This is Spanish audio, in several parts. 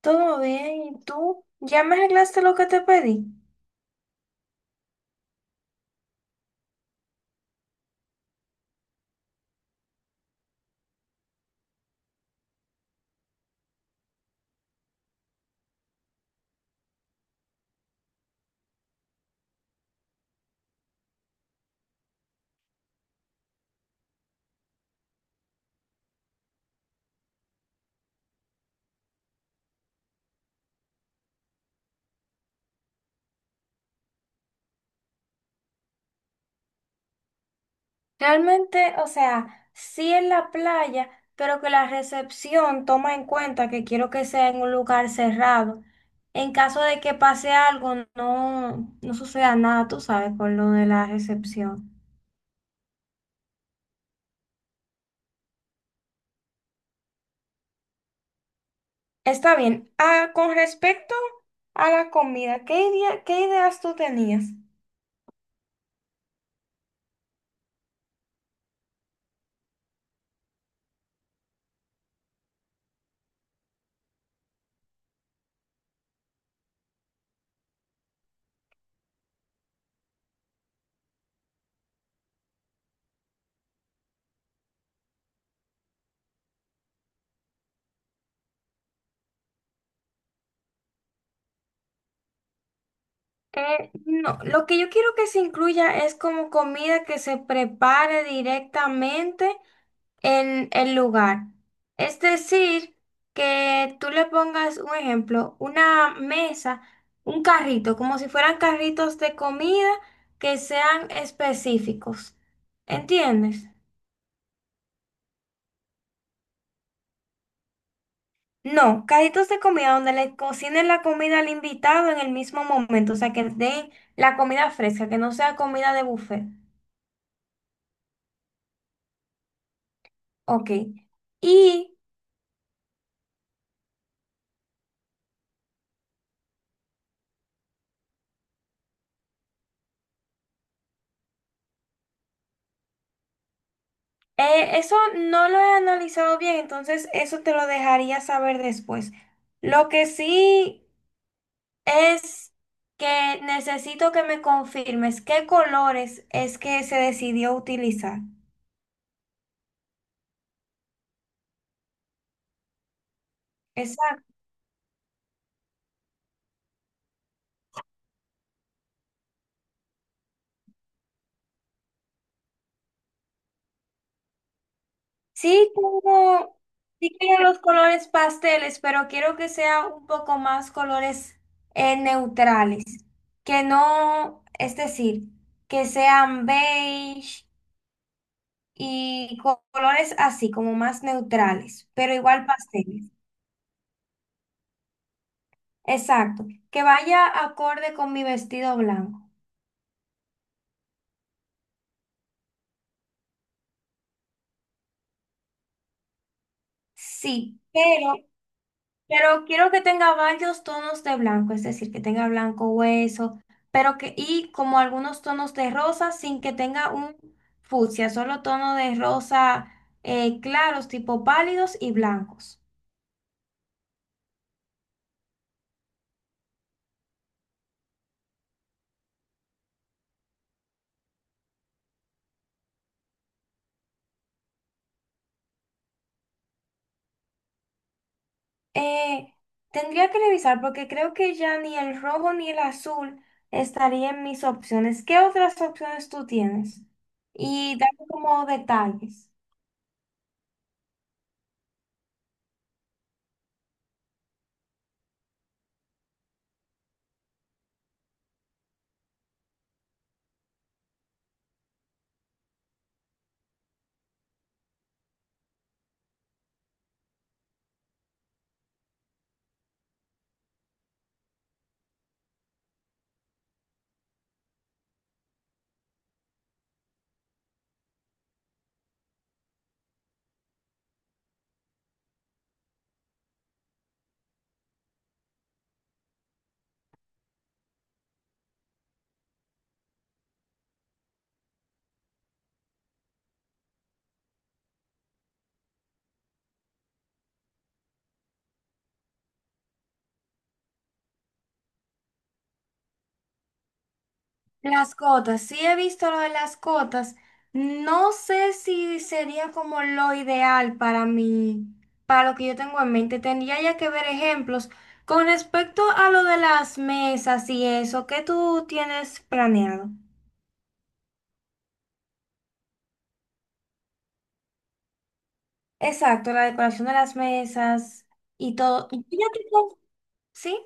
Todo bien, ¿y tú? ¿Ya me arreglaste lo que te pedí? Realmente, o sea, sí en la playa, pero que la recepción toma en cuenta que quiero que sea en un lugar cerrado. En caso de que pase algo, no, no suceda nada, tú sabes, con lo de la recepción. Está bien. Ah, con respecto a la comida, ¿qué ideas tú tenías? No, lo que yo quiero que se incluya es como comida que se prepare directamente en el lugar. Es decir, que tú le pongas un ejemplo, una mesa, un carrito, como si fueran carritos de comida que sean específicos. ¿Entiendes? No, carritos de comida donde le cocinen la comida al invitado en el mismo momento, o sea, que den la comida fresca, que no sea comida de buffet. Ok. Y eso no lo he analizado bien, entonces eso te lo dejaría saber después. Lo que sí es que necesito que me confirmes qué colores es que se decidió utilizar. Exacto. Sí, tengo, sí quiero los colores pasteles, pero quiero que sea un poco más colores neutrales. Que no, es decir, que sean beige. Y colores así, como más neutrales, pero igual pasteles. Exacto, que vaya acorde con mi vestido blanco. Sí, pero quiero que tenga varios tonos de blanco, es decir, que tenga blanco hueso, pero que, y como algunos tonos de rosa sin que tenga un fucsia, solo tono de rosa claros, tipo pálidos y blancos. Eh, Tendría que revisar porque creo que ya ni el rojo ni el azul estaría en mis opciones. ¿Qué otras opciones tú tienes? Y dame como detalles. Las cotas, sí he visto lo de las cotas. No sé si sería como lo ideal para mí, para lo que yo tengo en mente. Tendría ya que ver ejemplos. Con respecto a lo de las mesas y eso, ¿qué tú tienes planeado? Exacto, la decoración de las mesas y todo. Y ¿sí?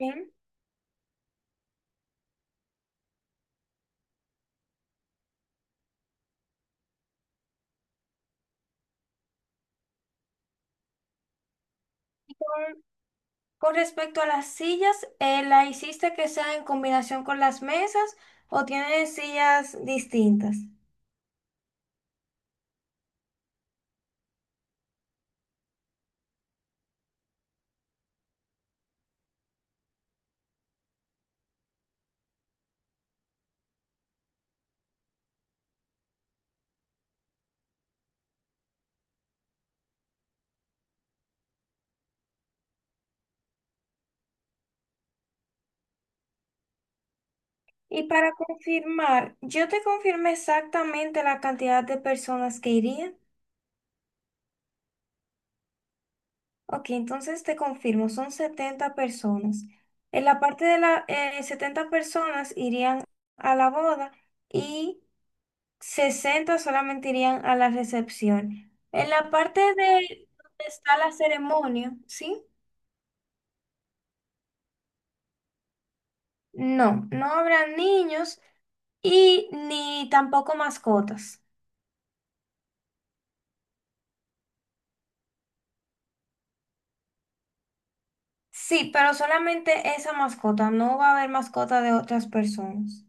Bien. Con, con respecto a las sillas, ¿la hiciste que sea en combinación con las mesas o tienes sillas distintas? Y para confirmar, yo te confirmé exactamente la cantidad de personas que irían. Ok, entonces te confirmo, son 70 personas. En la parte de las 70 personas irían a la boda. Y 60 solamente irían a la recepción. En la parte de donde está la ceremonia, ¿sí? No, no habrá niños y ni tampoco mascotas. Sí, pero solamente esa mascota, no va a haber mascota de otras personas.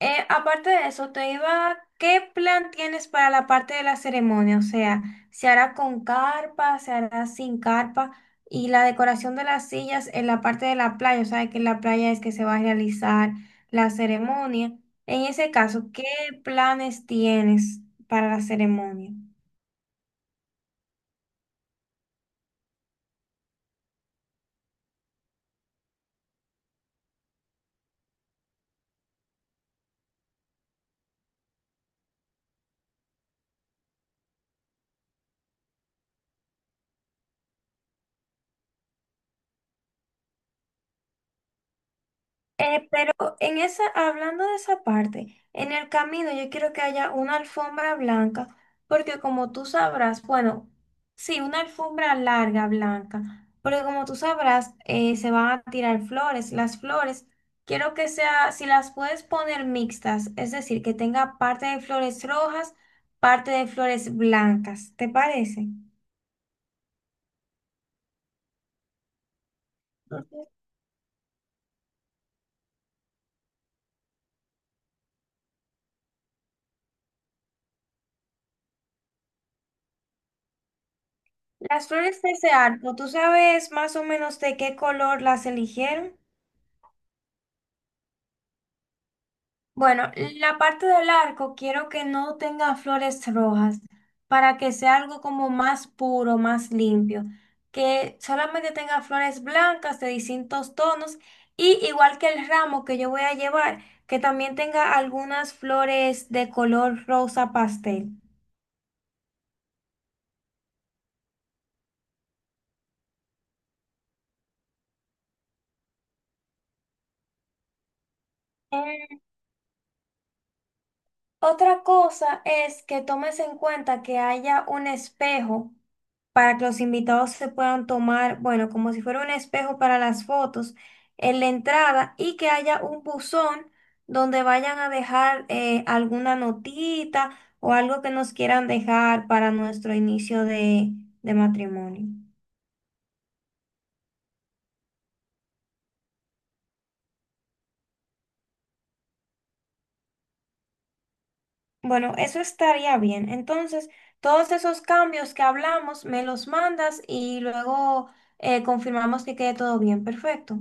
Aparte de eso, te iba, ¿qué plan tienes para la parte de la ceremonia? O sea, ¿se hará con carpa, se hará sin carpa? Y la decoración de las sillas en la parte de la playa, o sea, que en la playa es que se va a realizar la ceremonia. En ese caso, ¿qué planes tienes para la ceremonia? Pero en esa, hablando de esa parte, en el camino yo quiero que haya una alfombra blanca, porque como tú sabrás, bueno, sí, una alfombra larga blanca, porque como tú sabrás, se van a tirar flores. Las flores, quiero que sea, si las puedes poner mixtas, es decir, que tenga parte de flores rojas, parte de flores blancas, ¿te parece? Ujú. Las flores de ese arco, ¿tú sabes más o menos de qué color las eligieron? Bueno, la parte del arco quiero que no tenga flores rojas para que sea algo como más puro, más limpio, que solamente tenga flores blancas de distintos tonos y igual que el ramo que yo voy a llevar, que también tenga algunas flores de color rosa pastel. Eh, Otra cosa es que tomes en cuenta que haya un espejo para que los invitados se puedan tomar, bueno, como si fuera un espejo para las fotos en la entrada y que haya un buzón donde vayan a dejar alguna notita o algo que nos quieran dejar para nuestro inicio de matrimonio. Bueno, eso estaría bien. Entonces, todos esos cambios que hablamos, me los mandas y luego confirmamos que quede todo bien. Perfecto.